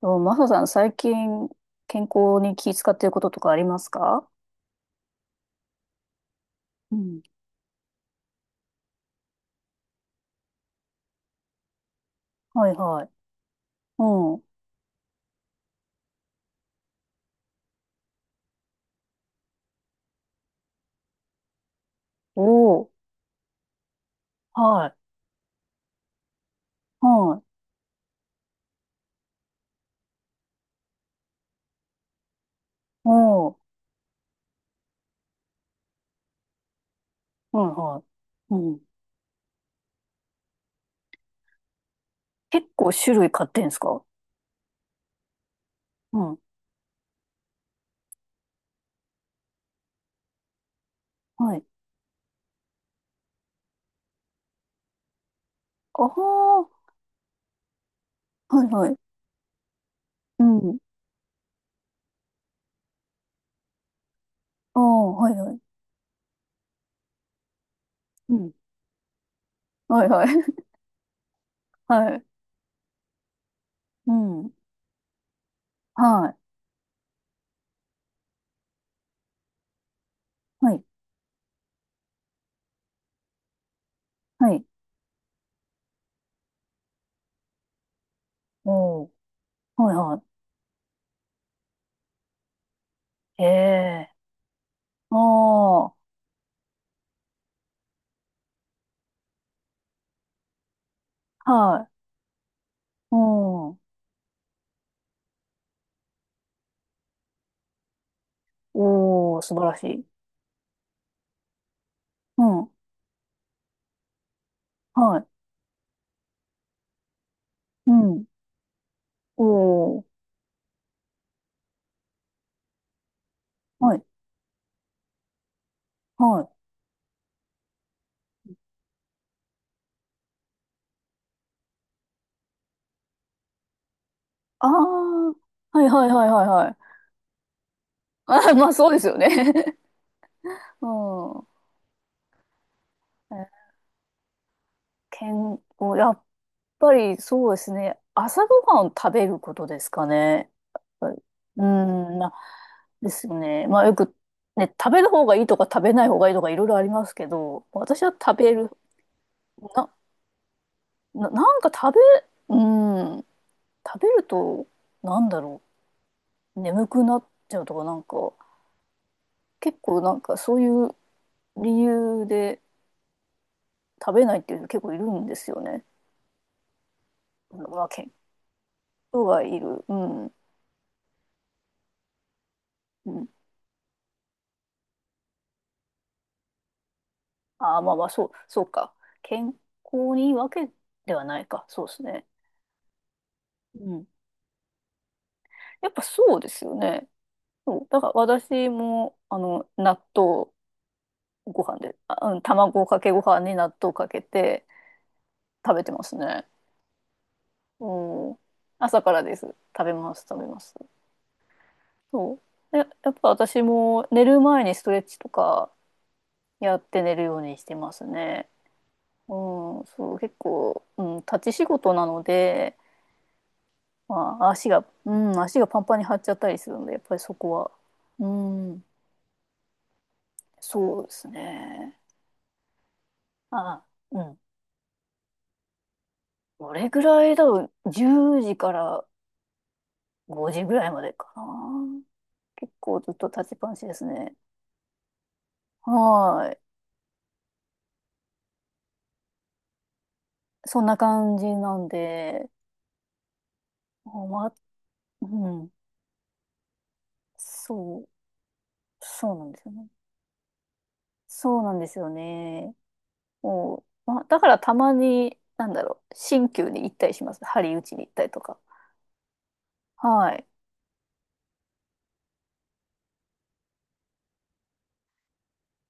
と、マサさん、最近、健康に気遣っていることとかありますか？うん、はいはい。うん。おー。はい。はい。おー。はいはい。うん。結構種類買ってんすか？うん。はい。あはー。はいはい。うん、あー。はいはい。うん。はいはい。はい。うん。はい。はい。はい。おー。はいはい。ええー。あー。はい。うん。おー。素晴らしい。うん。はい。うん。おー、はい、はい。ああ、はいはいはいはいはい。あまあそうですよね。うん。え健康、やっぱりそうですね。朝ごはんを食べることですかね。やっぱりうん、なですよね。まあよく、ね、食べる方がいいとか食べない方がいいとかいろいろありますけど、私は食べる、な、なんか食べ、うん、食べると、なんだろう、眠くなっちゃうとかなんか、結構なんかそういう理由で、食べないっていう人結構いるんですよね。まあ、健康がいる。うん。うん、ああ、まあまあ、そう、そうか。健康にいいわけではないか。そうですね。うん。やっぱそうですよね。そう。だから私も、あの、納豆ご飯で、あ、うん、卵かけご飯に納豆かけて食べてますね。うん。朝からです。食べます、食べます。そう。で、やっぱ私も寝る前にストレッチとかやって寝るようにしてますね。うん、そう、結構、うん、立ち仕事なので、まあ、足が、うん、足がパンパンに張っちゃったりするので、やっぱりそこは、うん、そうですね。あ、うん。どれぐらいだろう、10時から5時ぐらいまでかな。結構ずっと立ちっぱなしですね。はい。そんな感じなんで、まあ、うん、そう、そうなんですよね。そうなんですよね。もう、まあ、だからたまに、なんだろう、鍼灸に行ったりします。針打ちに行ったりとか。はい。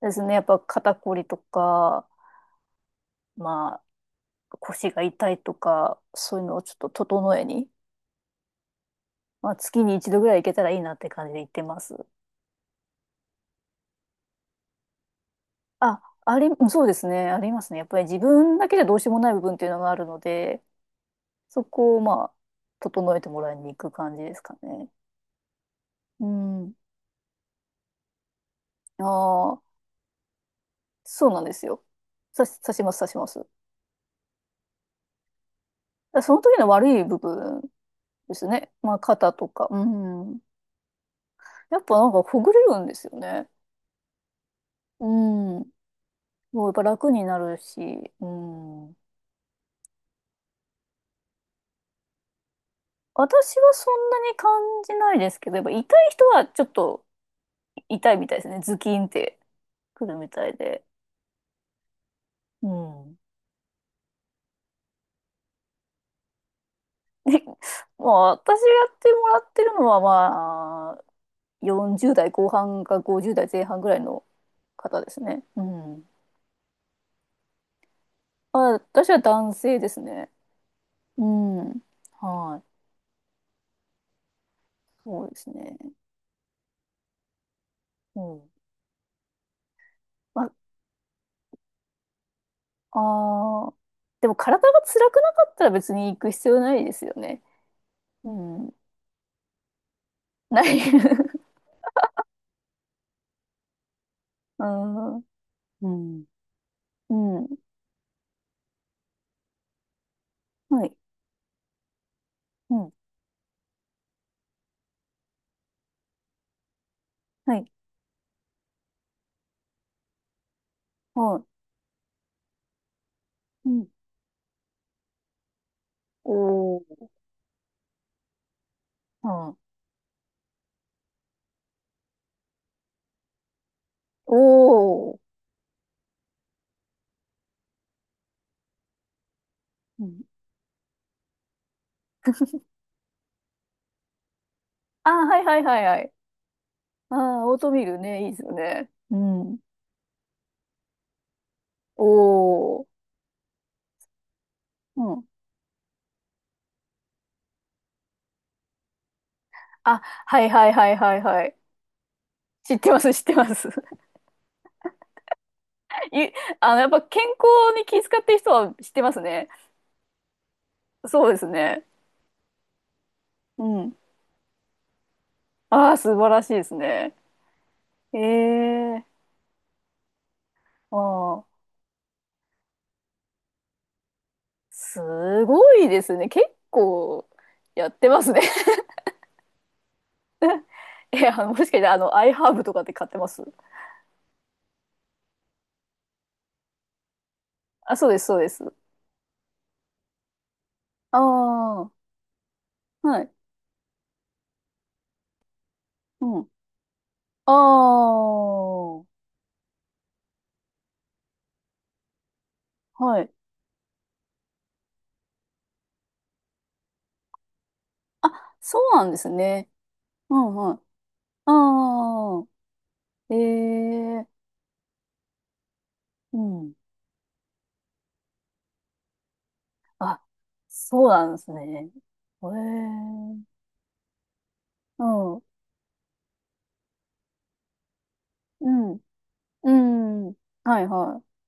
ですね。やっぱ肩こりとか、まあ、腰が痛いとか、そういうのをちょっと整えに、まあ、月に一度ぐらい行けたらいいなって感じで行ってます。あ、あり、そうですね。ありますね。やっぱり自分だけじゃどうしようもない部分っていうのがあるので、そこをまあ、整えてもらいに行く感じですかね。うん。ああ、そうなんですよ。刺します、刺します。らその時の悪い部分ですね。まあ、肩とか。うん。やっぱなんかほぐれるんですよね。うん。もうやっぱ楽になるし。うん。私はそんなに感じないですけど、やっぱ痛い人はちょっと痛いみたいですね。ズキンってくるみたいで。うん。で、まあ私がやってもらってるのはまあ、40代後半か50代前半ぐらいの方ですね。うん。まあ、私は男性ですね。うん。はい。そうですね。うん。ま、ああ、でも体が辛くなかったら別に行く必要ないですよね。うん。ない。うん。うん。うん。はい。うん。はい。はい。うん。おー。ああ。おお。うん。ああ、はいはいはいはい。ああ、オートミールね、いいですよね。うん。おお。うん。あ、はいはいはいはいはい。知ってます、知ってます。い、あの、やっぱ健康に気遣ってる人は知ってますね。そうですね。うん。ああ、素晴らしいですね。ええああ、すごいですね。結構やってますね。え、あの、もしかして、あの、アイハーブとかって買ってます？あ、そうです、そうです。ああ、はい。うん。ああ、はい。あ、そうなんですね。うん、はい。ああ、ええうん。あ、そうなんですね。ええうん、うん、うん。はい、はい。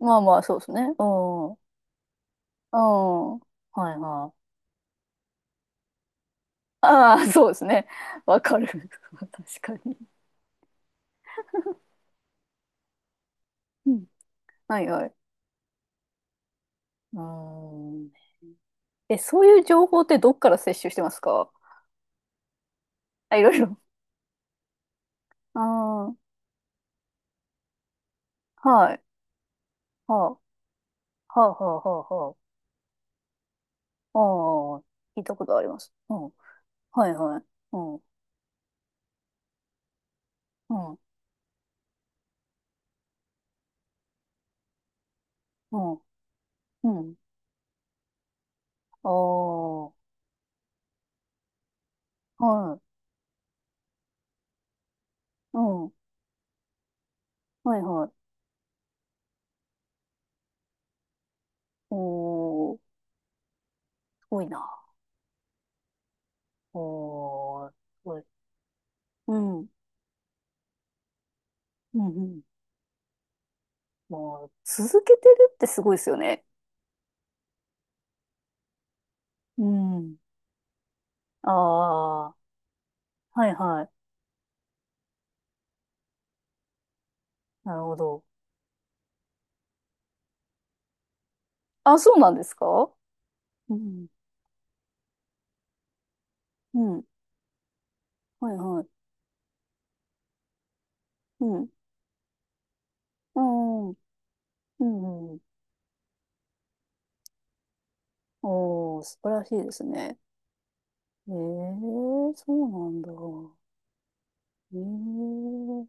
まあまあ、そうですね。うん。うん。はいはい。ああ、そうですね。わかる。確かに。うん。はいはい。うーん。え、そういう情報ってどっから摂取してますか？あ、いろいろ。ああ、はい。はあ、はあ、はあ、はあ、はあ。ああ、聞いたことあります。うん。はいはい。うん。うん。うん。うん。ああ、はい。うん。はいはい。おー、すごいな。おー、すごい。うん。うんうんもう、続けてるってすごいですよね。うん。ああ、はいはい。なるほど。あ、そうなんですか？うん。うん。はいはい。うん。うん。うん。うんおー、素晴らしいですね。ええそうなんだ。ええ